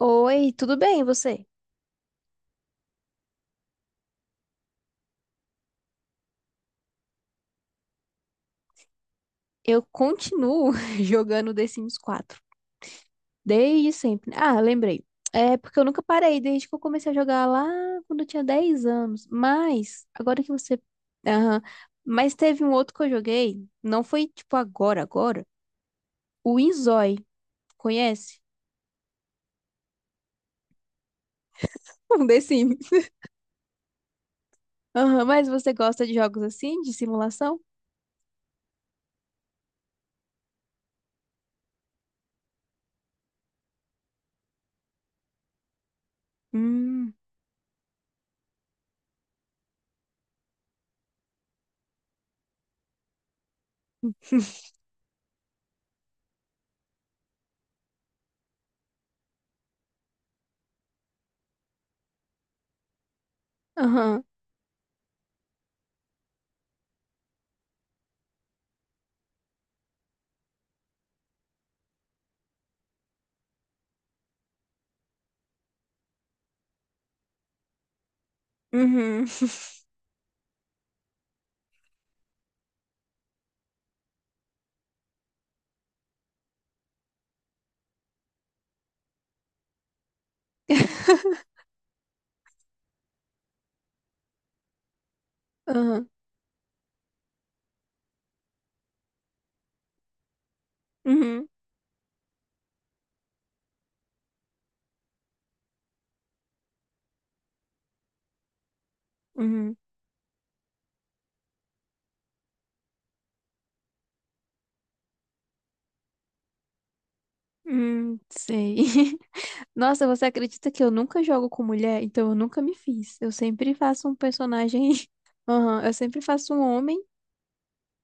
Oi, tudo bem, e você? Eu continuo jogando The Sims 4. Desde sempre. Ah, lembrei. É porque eu nunca parei, desde que eu comecei a jogar lá quando eu tinha 10 anos. Mas, agora que você. Aham. Mas teve um outro que eu joguei. Não foi tipo agora, agora. O Inzói. Conhece? Um The Sims. Aham, mas você gosta de jogos assim, de simulação? Hum. Aham. Uhum. Aham. Uhum. Uhum. Sei. Nossa, você acredita que eu nunca jogo com mulher? Então eu nunca me fiz. Eu sempre faço um personagem. Aham, eu sempre faço um homem.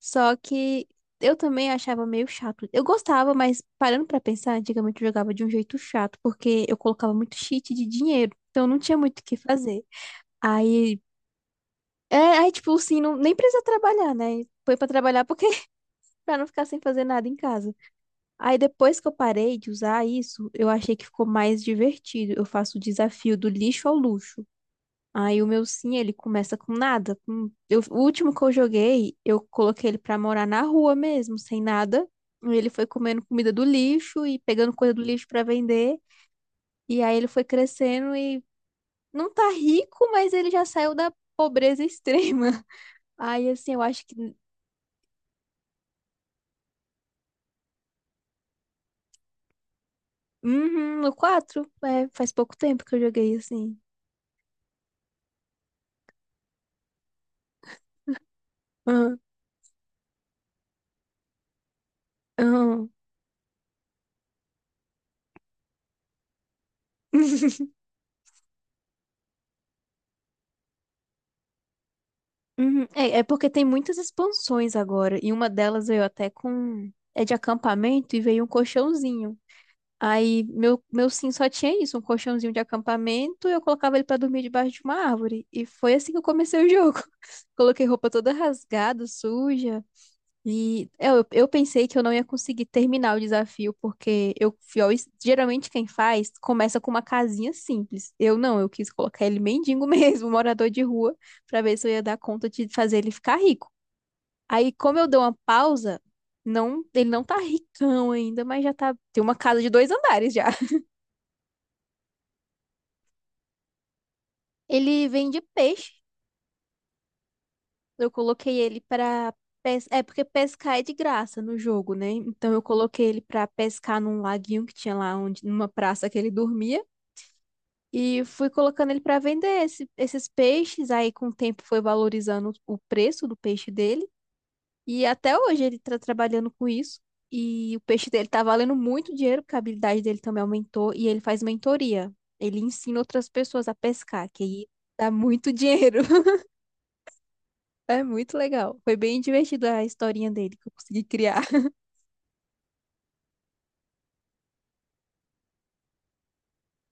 Só que eu também achava meio chato. Eu gostava, mas parando pra pensar, antigamente eu jogava de um jeito chato, porque eu colocava muito cheat de dinheiro. Então não tinha muito o que fazer. Aí, é, aí tipo assim, não, nem precisa trabalhar, né? Foi pra trabalhar porque pra não ficar sem fazer nada em casa. Aí depois que eu parei de usar isso, eu achei que ficou mais divertido. Eu faço o desafio do lixo ao luxo. Aí o meu sim, ele começa com nada. Com- eu- o último que eu joguei, eu coloquei ele pra morar na rua mesmo, sem nada. E ele foi comendo comida do lixo e pegando coisa do lixo pra vender. E aí ele foi crescendo e não tá rico, mas ele já saiu da pobreza extrema. Aí assim, eu acho que uhum, no 4, é, faz pouco tempo que eu joguei assim. Aham, aham. Uhum. É, é porque tem muitas expansões agora, e uma delas veio até com. É de acampamento e veio um colchãozinho. Aí meu sim só tinha isso, um colchãozinho de acampamento, eu colocava ele pra dormir debaixo de uma árvore. E foi assim que eu comecei o jogo. Coloquei roupa toda rasgada, suja. E eu pensei que eu não ia conseguir terminar o desafio, porque eu fui ao es- geralmente quem faz começa com uma casinha simples. Eu não, eu quis colocar ele mendigo mesmo, morador de rua, pra ver se eu ia dar conta de fazer ele ficar rico. Aí, como eu dou uma pausa, não, ele não tá ricão ainda, mas já tá, tem uma casa de 2 andares já. Ele vende peixe. Eu coloquei ele pra pes... É porque pescar é de graça no jogo, né? Então eu coloquei ele pra pescar num laguinho que tinha lá onde numa praça que ele dormia e fui colocando ele pra vender esse- esses peixes. Aí com o tempo foi valorizando o preço do peixe dele e até hoje ele tá trabalhando com isso. E o peixe dele tá valendo muito dinheiro, porque a habilidade dele também aumentou e ele faz mentoria. Ele ensina outras pessoas a pescar, que aí dá muito dinheiro. É muito legal. Foi bem divertido a historinha dele que eu consegui criar.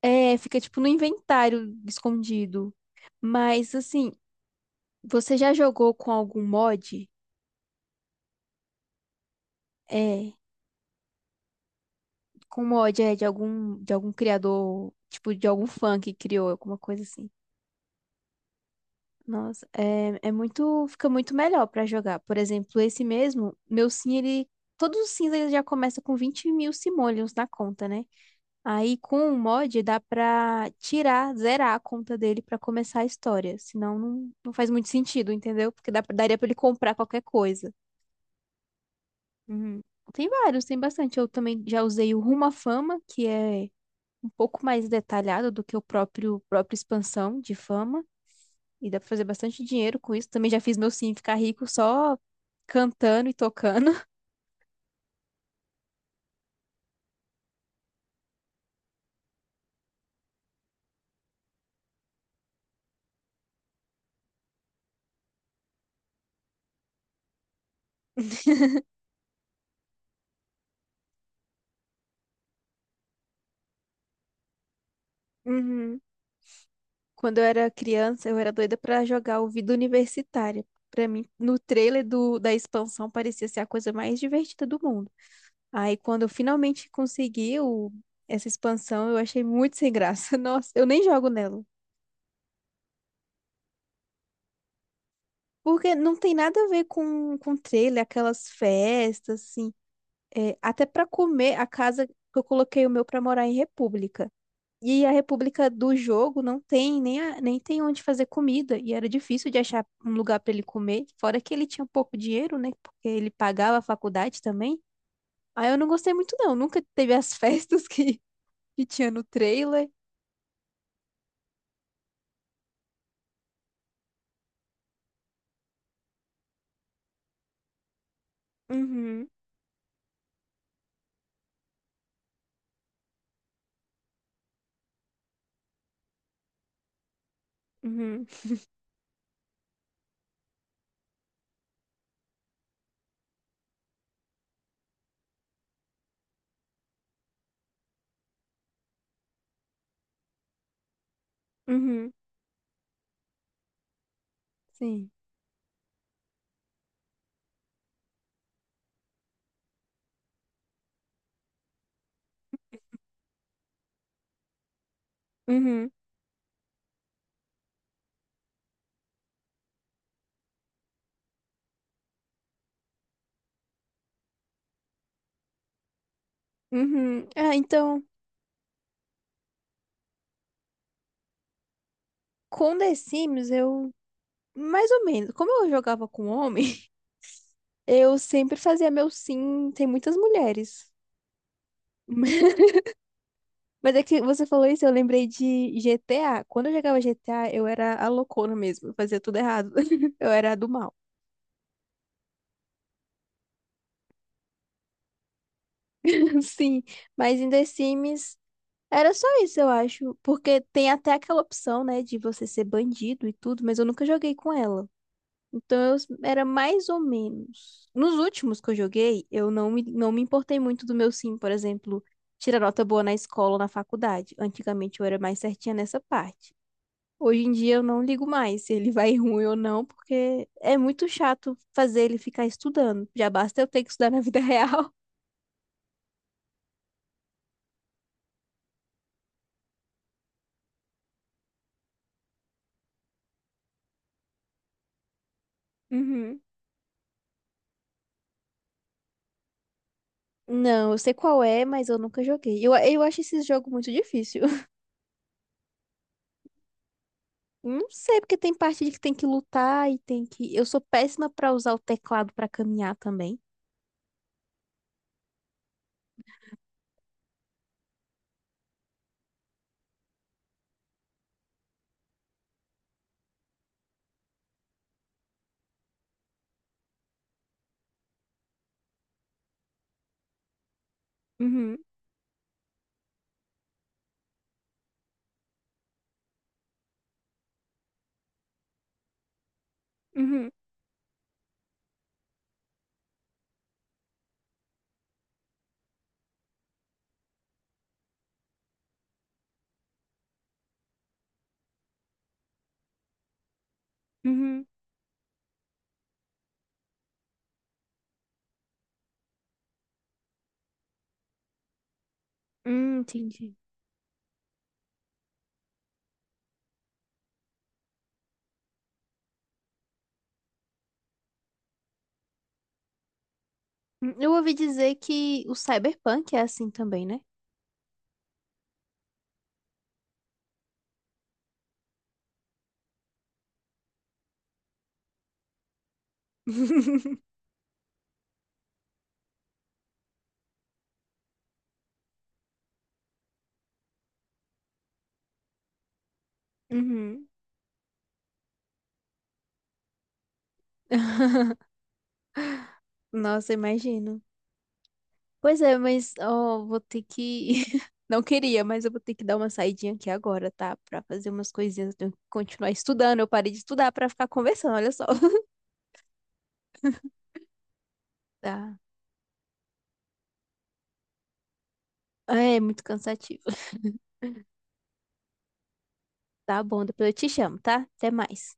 É, fica tipo no inventário escondido. Mas assim, você já jogou com algum mod? É, com mod é de algum criador, tipo de algum fã que criou alguma coisa assim. Nossa, é, é muito, fica muito melhor pra jogar. Por exemplo, esse mesmo, meu sim, ele, todos os sims ele já começa com 20 mil simoleons na conta, né? Aí com o mod dá pra tirar, zerar a conta dele pra começar a história. Senão não faz muito sentido, entendeu? Porque dá pra- daria pra ele comprar qualquer coisa. Uhum. Tem vários, tem bastante. Eu também já usei o Rumo à Fama, que é um pouco mais detalhado do que o próprio própria expansão de fama. E dá pra fazer bastante dinheiro com isso. Também já fiz meu sim ficar rico só cantando e tocando. Uhum. Quando eu era criança, eu era doida pra jogar o Vida Universitária. Pra mim, no trailer do, da expansão parecia ser a coisa mais divertida do mundo. Aí, quando eu finalmente consegui o- essa expansão, eu achei muito sem graça. Nossa, eu nem jogo nela. Porque não tem nada a ver com trailer, aquelas festas, assim. É, até pra comer, a casa que eu coloquei o meu pra morar em República. E a República do Jogo não tem nem, a- nem tem onde fazer comida. E era difícil de achar um lugar para ele comer. Fora que ele tinha pouco dinheiro, né? Porque ele pagava a faculdade também. Aí eu não gostei muito, não. Nunca teve as festas que tinha no trailer. Uhum, uhum, uhum, sim. Uhum, uhum. Ah, então, com The Sims, eu. Mais ou menos. Como eu jogava com homem, eu sempre fazia meu sim. Tem muitas mulheres. Mas é que você falou isso, eu lembrei de GTA. Quando eu jogava GTA, eu era a loucona mesmo. Eu fazia tudo errado. Eu era a do mal. Sim, mas em The Sims era só isso, eu acho. Porque tem até aquela opção, né, de você ser bandido e tudo, mas eu nunca joguei com ela. Então eu s- era mais ou menos. Nos últimos que eu joguei, eu não me importei muito do meu sim, por exemplo, tirar nota boa na escola ou na faculdade. Antigamente eu era mais certinha nessa parte. Hoje em dia eu não ligo mais se ele vai ruim ou não, porque é muito chato fazer ele ficar estudando. Já basta eu ter que estudar na vida real. Uhum. Não, eu sei qual é, mas eu nunca joguei. Eu acho esse jogo muito difícil. Não sei, porque tem parte de que tem que lutar e tem que. Eu sou péssima pra usar o teclado pra caminhar também. Uhum. Uhum. Uhum. Entendi. Eu ouvi dizer que o cyberpunk é assim também, né? Uhum. Nossa, imagino. Pois é, mas ó, vou ter que. Não queria, mas eu vou ter que dar uma saidinha aqui agora, tá? Pra fazer umas coisinhas. Eu tenho que continuar estudando. Eu parei de estudar pra ficar conversando, olha só. Tá. É muito cansativo. Tá bom, depois eu te chamo, tá? Até mais.